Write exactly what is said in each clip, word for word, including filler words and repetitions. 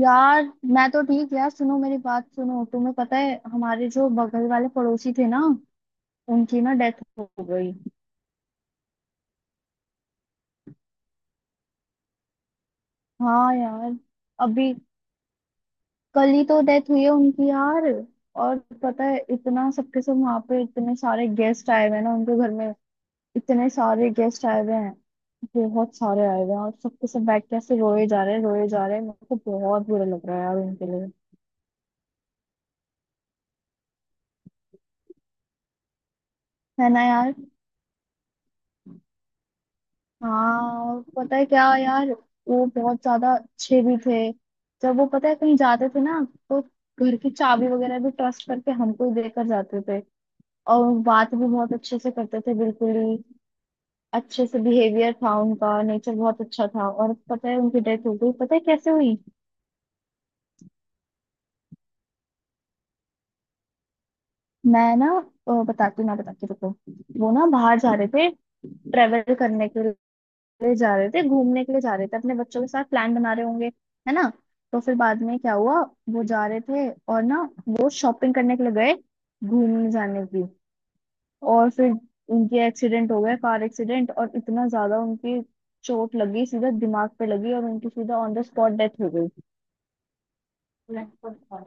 यार, मैं तो ठीक। यार सुनो, मेरी बात सुनो। तुम्हें पता है हमारे जो बगल वाले पड़ोसी थे ना, उनकी ना डेथ हो गई। हाँ यार, अभी कल ही तो डेथ हुई है उनकी यार। और पता है, इतना सबके सब वहां पे, इतने सारे गेस्ट आए हुए हैं ना उनके घर में। इतने सारे गेस्ट आए हुए हैं, बहुत सारे आए हुए हैं। और सबके सब बैठ के ऐसे रोए जा रहे हैं, रोए जा रहे हैं। मेरे को बहुत बुरा लग रहा है यार उनके लिए। है ना यार। हाँ। और पता है क्या यार, वो बहुत ज्यादा अच्छे भी थे। जब वो पता है कहीं जाते थे ना, तो घर की चाबी वगैरह भी ट्रस्ट करके हमको ही देकर जाते थे। और बात भी बहुत अच्छे से करते थे, बिल्कुल ही अच्छे से। बिहेवियर था उनका, नेचर बहुत अच्छा था। और पता है, उनकी डेथ हो गई, पता है कैसे हुई? मैं ना अ, बताती हूँ, मैं बताती हूँ। रुको। वो ना बाहर जा रहे थे, ट्रेवल करने के लिए जा रहे थे, घूमने के लिए जा रहे थे अपने बच्चों के साथ। प्लान बना रहे होंगे, है ना। तो फिर बाद में क्या हुआ, वो जा रहे थे और ना वो शॉपिंग करने के लिए गए, घूमने जाने की। और फिर उनके एक्सीडेंट हो गया, कार एक्सीडेंट। और इतना ज्यादा उनकी चोट लगी, सीधा दिमाग पे लगी और उनकी सीधा ऑन द स्पॉट डेथ हो गई।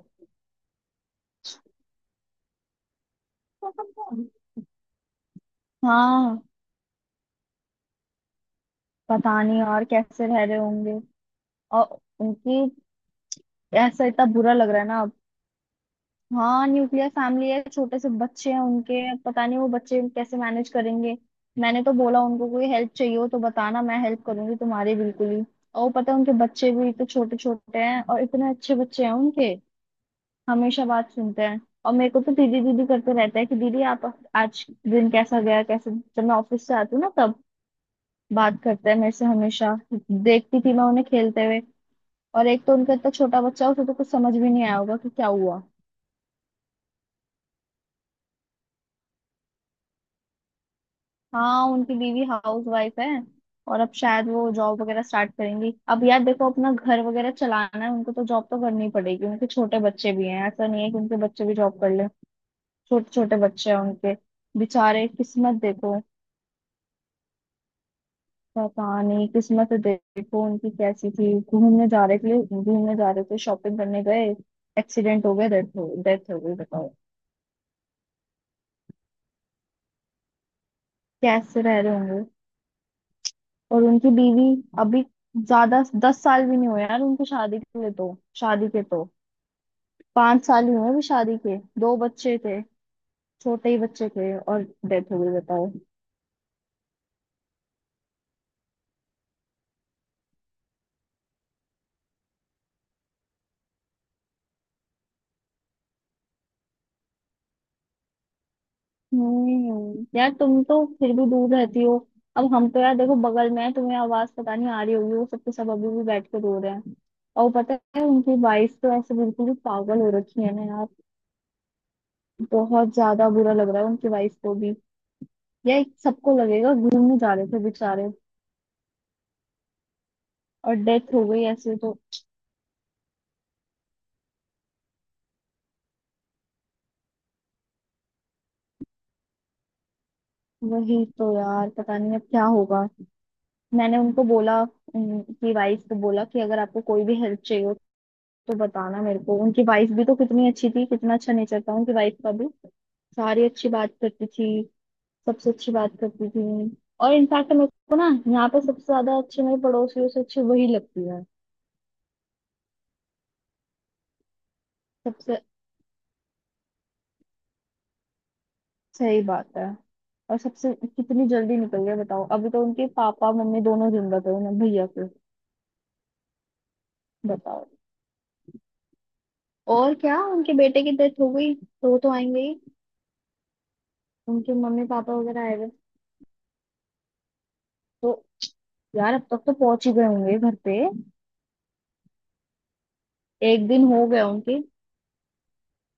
हाँ, पता नहीं और कैसे रह रहे होंगे। और उनकी, ऐसा इतना बुरा लग रहा है ना। हाँ, न्यूक्लियर फैमिली है, छोटे से बच्चे हैं उनके। पता नहीं वो बच्चे कैसे मैनेज करेंगे। मैंने तो बोला उनको, कोई हेल्प चाहिए हो तो बताना, मैं हेल्प करूंगी तुम्हारी, बिल्कुल ही। और वो पता है, उनके बच्चे भी तो छोटे छोटे हैं, और इतने अच्छे बच्चे हैं उनके। हमेशा बात सुनते हैं। और मेरे को तो दीदी दीदी करते रहता है कि दीदी आप आज दिन कैसा गया कैसे। जब मैं ऑफिस से आती हूँ ना, तब बात करते हैं मेरे से हमेशा। देखती थी मैं उन्हें खेलते हुए। और एक तो उनका इतना छोटा बच्चा है, उसे तो कुछ समझ भी नहीं आया होगा कि क्या हुआ। हाँ उनकी बीवी हाउस वाइफ है। और अब शायद वो जॉब वगैरह स्टार्ट करेंगी। अब यार देखो, अपना घर वगैरह चलाना है उनको, तो जॉब तो करनी पड़ेगी। उनके छोटे बच्चे भी हैं, ऐसा नहीं है कि उनके बच्चे भी जॉब कर ले। छोटे छोटे बच्चे हैं उनके बेचारे। किस्मत देखो, पता नहीं किस्मत देखो उनकी कैसी थी। घूमने जा रहे थे, घूमने जा रहे थे, शॉपिंग करने गए, एक्सीडेंट हो गया, डेथ हो डेथ हो गई, बताओ। कैसे रह रहे होंगे। और उनकी बीवी, अभी ज्यादा दस साल भी नहीं हुए यार उनकी शादी के लिए तो। शादी के तो पांच साल ही हुए अभी शादी के। दो बच्चे थे, छोटे ही बच्चे थे, और डेथ हो गई, बताओ। हम्म यार, तुम तो फिर भी दूर रहती हो। अब हम तो यार देखो बगल में है। तुम्हें आवाज पता नहीं आ रही होगी, वो सबके सब अभी भी बैठ के रो रहे हैं। और पता है उनकी वाइफ तो ऐसे बिल्कुल ही पागल हो रखी है ना यार। बहुत ज्यादा बुरा लग रहा है उनकी वाइफ को भी। यार सबको लगेगा, घूमने जा रहे थे बेचारे और डेथ हो गई ऐसे तो। वही तो यार, पता नहीं अब क्या होगा। मैंने उनको बोला, उनकी वाइफ को बोला कि अगर आपको कोई भी हेल्प चाहिए हो तो बताना मेरे को। उनकी वाइफ भी तो कितनी अच्छी थी, कितना अच्छा नेचर था उनकी वाइफ का भी। सारी अच्छी बात करती थी, सबसे अच्छी बात करती थी। और इनफैक्ट मेरे को ना, यहाँ पे सबसे ज्यादा अच्छी, मेरे पड़ोसियों से अच्छी वही लगती है सबसे। सही बात है। और सबसे कितनी जल्दी निकल गए, बताओ। अभी तो उनके पापा मम्मी दोनों जिंदा थे उन्हें, भैया के। बताओ। और क्या, उनके बेटे की डेथ हो गई तो वो तो आएंगे ही। उनके मम्मी पापा वगैरह आए हुए, तो यार अब तक तो पहुंच ही गए होंगे घर पे। एक दिन हो गया उनके।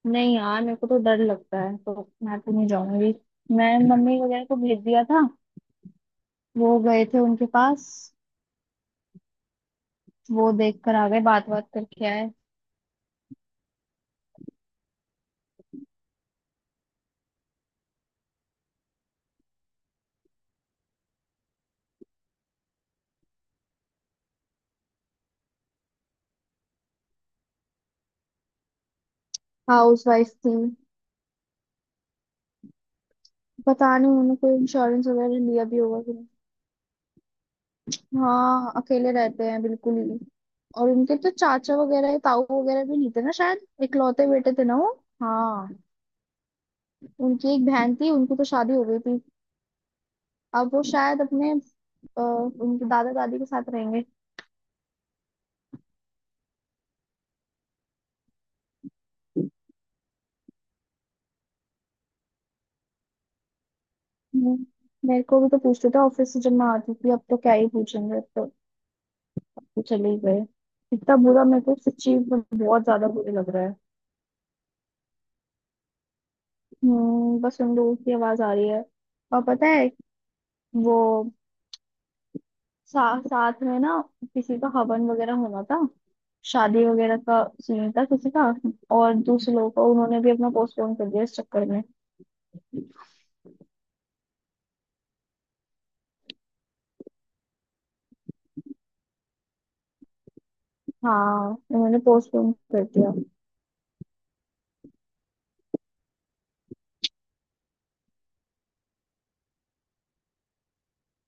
नहीं यार, मेरे को तो डर लगता है तो मैं तो नहीं जाऊंगी। मैं मम्मी वगैरह को भेज दिया था, वो गए थे उनके पास। वो देख कर आ गए, बात बात करके आए। हाउस वाइफ थी। पता नहीं उन्होंने कोई इंश्योरेंस वगैरह लिया भी होगा कि नहीं। हाँ अकेले रहते हैं, बिल्कुल ही। और उनके तो चाचा वगैरह या ताऊ वगैरह भी नहीं थे ना, शायद इकलौते बेटे थे ना वो। हाँ, उनकी एक बहन थी, उनकी तो शादी हो गई थी। अब वो शायद अपने अ, उनके दादा दादी के साथ रहेंगे। हम्म, मेरे को भी तो पूछते थे, ऑफिस से जब मैं आती थी। अब तो क्या ही पूछेंगे, अब तो वो चले ही गए। इतना बुरा मेरे को, सच्ची में बहुत ज्यादा बुरा लग रहा है। हम्म बस उन लोगों की आवाज आ रही है। और पता है, वो सा, साथ में ना किसी का हवन वगैरह होना था, शादी वगैरह का सीन था किसी का। और दूसरे लोगों का, उन्होंने भी अपना पोस्टपोन कर दिया इस चक्कर में। हाँ उन्होंने पोस्टपोन कर दिया।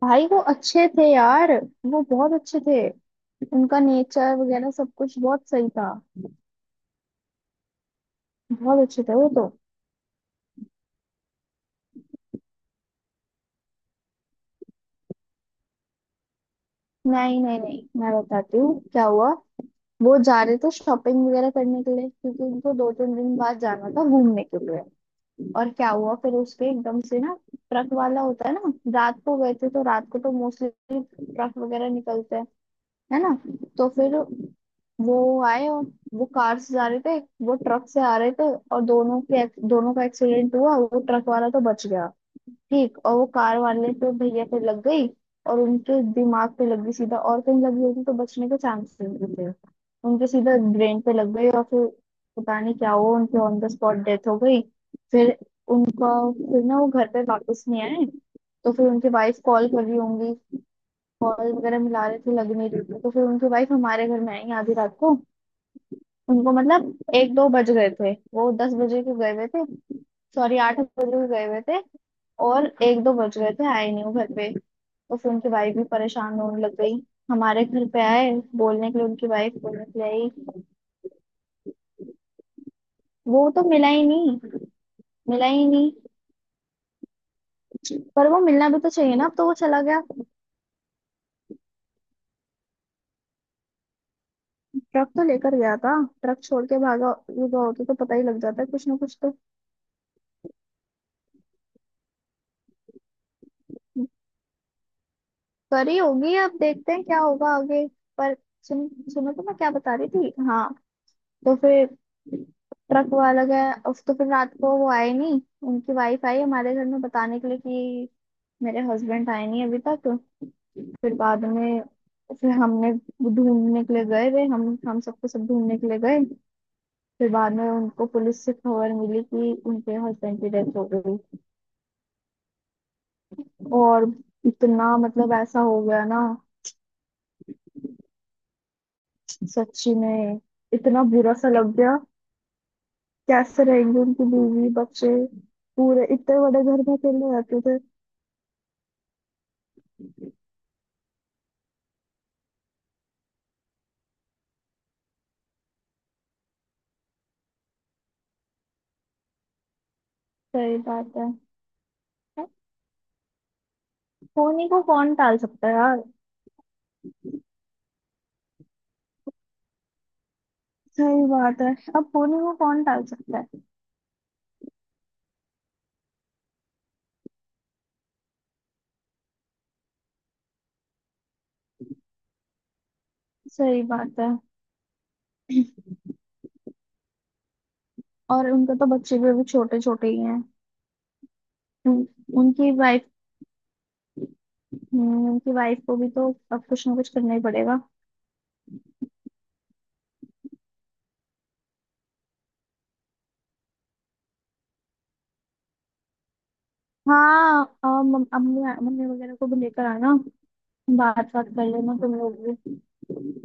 भाई वो अच्छे थे यार, वो बहुत अच्छे थे। उनका नेचर वगैरह सब कुछ बहुत सही था। बहुत अच्छे थे वो तो। नहीं नहीं नहीं, मैं बताती हूँ क्या हुआ। वो जा रहे थे शॉपिंग वगैरह करने के लिए, क्योंकि उनको दो तीन दिन बाद जाना था घूमने के लिए। और क्या हुआ, फिर उसके एकदम से ना ट्रक वाला होता है ना। रात को गए थे, तो रात को तो मोस्टली ट्रक वगैरह निकलते हैं, है ना। तो फिर वो आए, और वो कार से जा रहे थे, वो ट्रक से आ रहे थे, और दोनों के दोनों का एक्सीडेंट हुआ। वो ट्रक वाला तो बच गया, ठीक। और वो कार वाले पे भैया पे लग गई, और उनके दिमाग पे लग गई सीधा। और कहीं लगी होती तो बचने के चांसेस नहीं थे। उनके सीधा ब्रेन पे लग गई और फिर पता नहीं क्या हुआ, उनकी ऑन द स्पॉट डेथ हो गई। फिर उनका फिर ना वो घर पे वापस नहीं आए। तो फिर उनकी वाइफ कॉल कर रही होंगी, बॉल वगैरह मिला रहे थे, लग नहीं रही थी। तो फिर उनकी वाइफ हमारे घर में आई आधी रात को। उनको मतलब एक दो बज गए थे। वो दस बजे के गए हुए थे, सॉरी आठ बजे के गए हुए थे, और एक दो बज गए थे, आए नहीं वो घर पे। तो फिर उनकी वाइफ भी परेशान होने लग गई, हमारे घर पे आए। बोलने के लिए, उनकी वाइफ बोलने के लिए आई। वो तो मिला ही नहीं, मिला ही नहीं। पर वो मिलना भी तो चाहिए ना, अब तो वो चला गया। ट्रक तो लेकर गया था। ट्रक छोड़ के भागा वो होता तो पता ही लग जाता है कुछ ना कुछ तो। करी होगी, अब देखते हैं क्या होगा आगे। पर सुन सुनो तो, मैं क्या बता रही थी, हाँ। तो फिर ट्रक वाला गया, अब तो फिर रात को वो आए नहीं। उनकी वाइफ आई हमारे घर में बताने के लिए कि मेरे हस्बैंड आए नहीं अभी तक। फिर बाद में, फिर हमने ढूंढने के लिए गए वे हम हम सबको सब ढूंढने के लिए गए। फिर बाद में उनको पुलिस से खबर मिली कि उनके हस्बैंड की डेथ हो गई। और इतना मतलब ऐसा हो गया ना, सच्ची में। इतना बुरा सा लग गया। कैसे रहेंगे उनकी बीवी बच्चे, पूरे इतने बड़े घर में अकेले रहते थे। सही बात है, होनी को कौन टाल सकता है यार। सही बात है, अब होनी को कौन टाल सकता है। सही बात है। और उनके तो बच्चे भी अभी छोटे छोटे ही हैं। उन, उनकी वाइफ उनकी वाइफ को भी तो अब कुछ ना कुछ करना ही पड़ेगा। हाँ, और मम- अम्मी मम्मी वगैरह को भी लेकर आना। बात बात कर लेना तुम लोग भी।